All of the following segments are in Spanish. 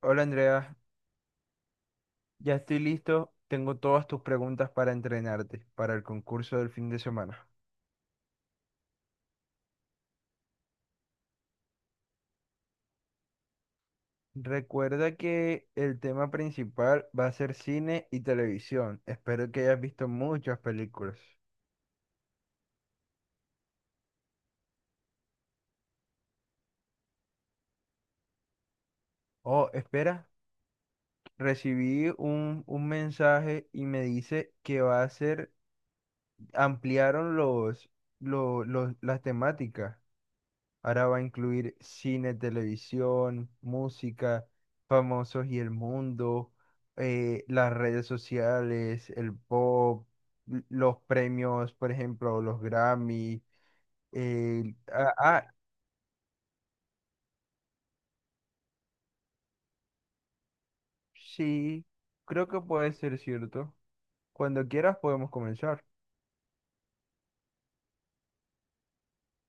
Hola Andrea, ya estoy listo. Tengo todas tus preguntas para entrenarte para el concurso del fin de semana. Recuerda que el tema principal va a ser cine y televisión. Espero que hayas visto muchas películas. Oh, espera, recibí un mensaje y me dice que va a ser, ampliaron las temáticas. Ahora va a incluir cine, televisión, música, famosos y el mundo, las redes sociales, el pop, los premios, por ejemplo, los Grammy. eh, ah, ah, sí, creo que puede ser cierto. Cuando quieras podemos comenzar.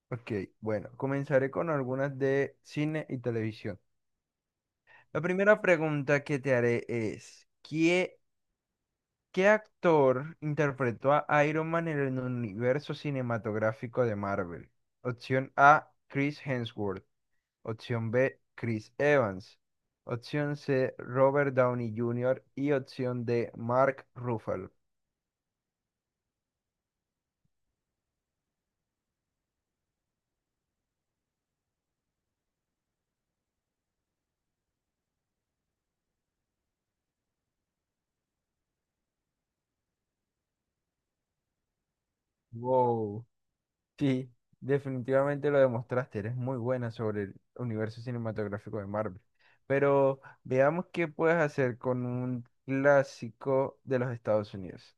Ok, bueno, comenzaré con algunas de cine y televisión. La primera pregunta que te haré es, ¿qué actor interpretó a Iron Man en el universo cinematográfico de Marvel? Opción A, Chris Hemsworth. Opción B, Chris Evans. Opción C, Robert Downey Jr. Y opción D, Mark Ruffalo. Wow, sí, definitivamente lo demostraste. Eres muy buena sobre el universo cinematográfico de Marvel. Pero veamos qué puedes hacer con un clásico de los Estados Unidos.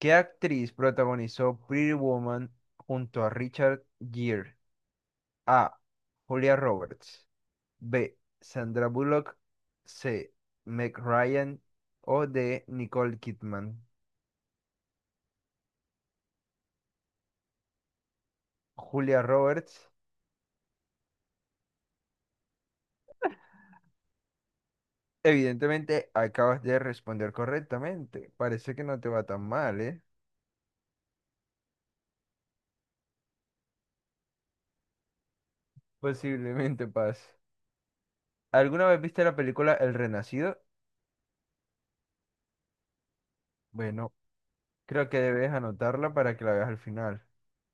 ¿Qué actriz protagonizó Pretty Woman junto a Richard Gere? A. Julia Roberts. B. Sandra Bullock. C. Meg Ryan. O D. Nicole Kidman. Julia Roberts. Evidentemente acabas de responder correctamente. Parece que no te va tan mal, ¿eh? Posiblemente Paz. ¿Alguna vez viste la película El Renacido? Bueno, creo que debes anotarla para que la veas al final.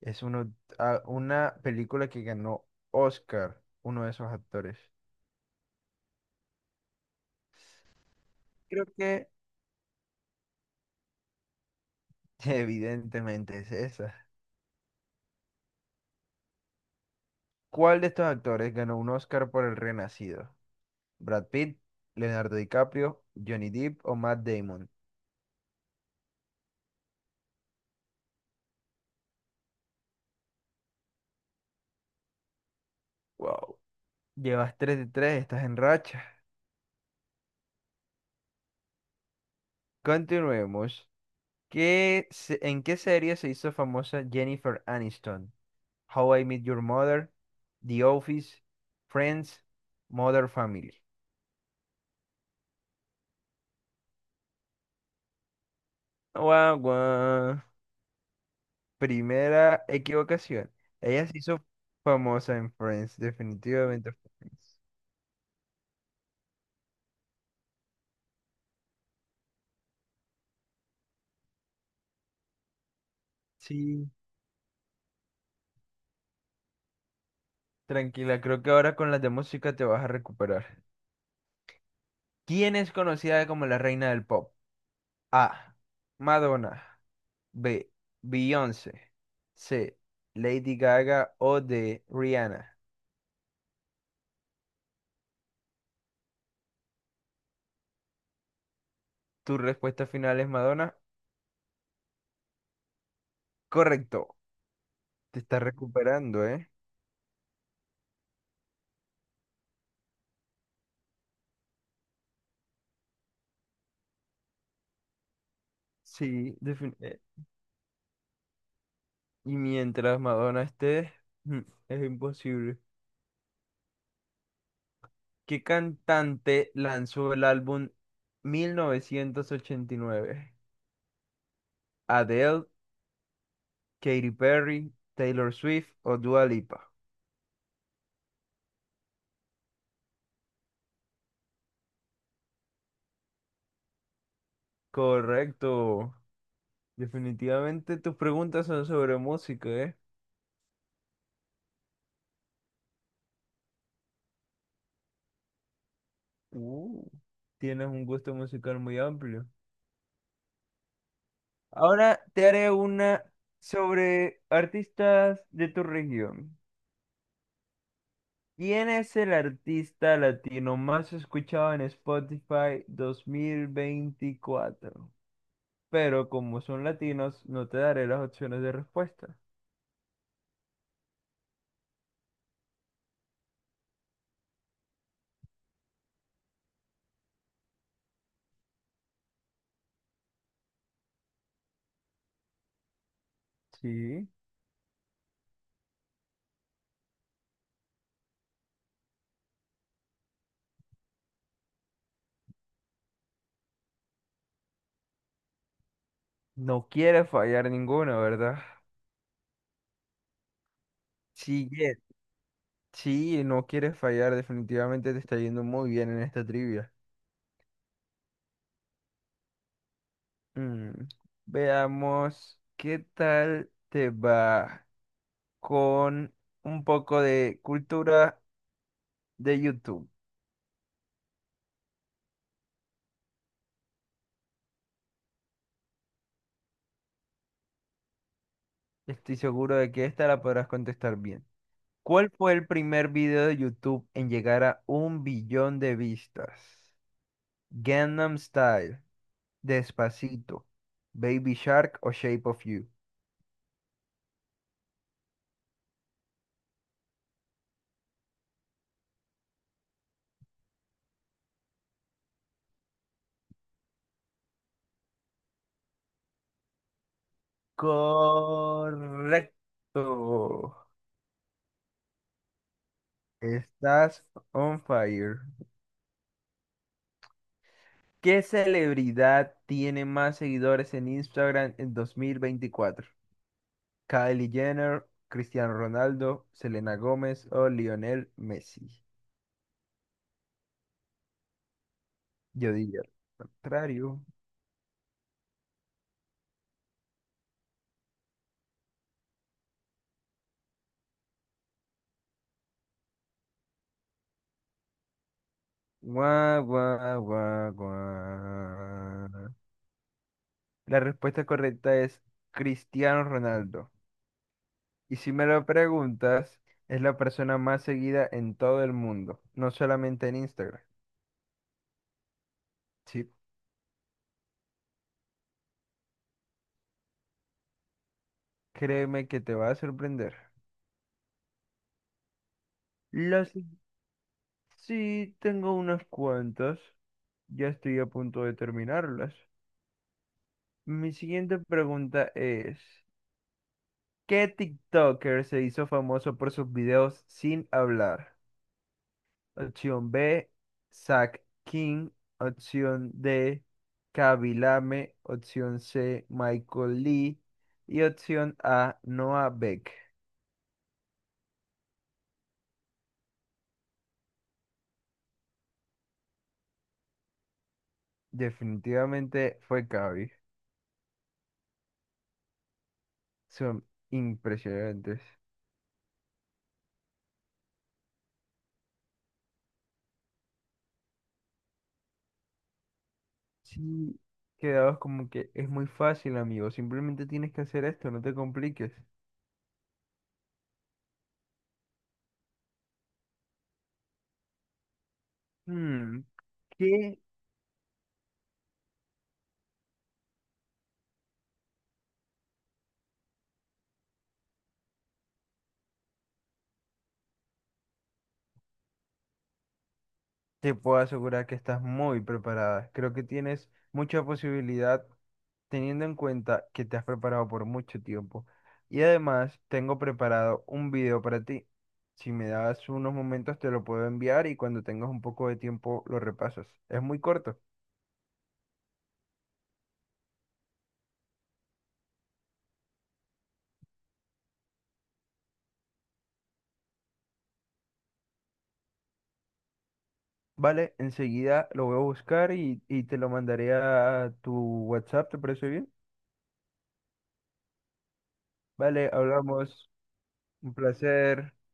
Es una película que ganó Oscar, uno de esos actores. Creo que evidentemente es esa. ¿Cuál de estos actores ganó un Oscar por El Renacido? ¿Brad Pitt, Leonardo DiCaprio, Johnny Depp o Matt Damon? Wow. Llevas 3 de tres, estás en racha. Continuemos. ¿En qué serie se hizo famosa Jennifer Aniston? How I Met Your Mother, The Office, Friends, Mother Family. Guau, guau. Primera equivocación. Ella se hizo famosa en Friends, definitivamente Friends. Sí, tranquila, creo que ahora con las de música te vas a recuperar. ¿Quién es conocida como la reina del pop? A. Madonna. B. Beyoncé. C. Lady Gaga o D. Rihanna. ¿Tu respuesta final es Madonna? Correcto. Te está recuperando, ¿eh? Sí, y mientras Madonna esté, mm, es imposible. ¿Qué cantante lanzó el álbum 1989? ¿Adele, Katy Perry, Taylor Swift o Dua Lipa? Correcto. Definitivamente tus preguntas son sobre música, ¿eh? Uh, tienes un gusto musical muy amplio. Ahora te haré una sobre artistas de tu región. ¿Quién es el artista latino más escuchado en Spotify 2024? Pero como son latinos, no te daré las opciones de respuesta. Sí. No quiere fallar ninguna, ¿verdad? Sí, Yes. Sí, no quiere fallar. Definitivamente te está yendo muy bien en esta trivia. Mm, Veamos qué tal te va con un poco de cultura de YouTube. Estoy seguro de que esta la podrás contestar bien. ¿Cuál fue el primer video de YouTube en llegar a un billón de vistas? Gangnam Style, Despacito, Baby Shark o Shape of You. Correcto. Estás on fire. ¿Qué celebridad tiene más seguidores en Instagram en 2024? Kylie Jenner, Cristiano Ronaldo, Selena Gómez o Lionel Messi. Yo diría contrario. Guau, guau, guau, guau. La respuesta correcta es Cristiano Ronaldo. Y si me lo preguntas, es la persona más seguida en todo el mundo, no solamente en Instagram. Sí, créeme que te va a sorprender. Las... Sí, tengo unas cuantas. Ya estoy a punto de terminarlas. Mi siguiente pregunta es, ¿qué TikToker se hizo famoso por sus videos sin hablar? Opción B, Zach King. Opción D, Kabilame. Opción C, Michael Lee. Y opción A, Noah Beck. Definitivamente fue Kaby. Son impresionantes. Sí, quedabas como que es muy fácil, amigo. Simplemente tienes que hacer esto, no te compliques. Hmm. ¿Qué? Te puedo asegurar que estás muy preparada. Creo que tienes mucha posibilidad teniendo en cuenta que te has preparado por mucho tiempo. Y además tengo preparado un video para ti. Si me das unos momentos te lo puedo enviar y cuando tengas un poco de tiempo lo repasas. Es muy corto. Vale, enseguida lo voy a buscar y te lo mandaré a tu WhatsApp, ¿te parece bien? Vale, hablamos. Un placer.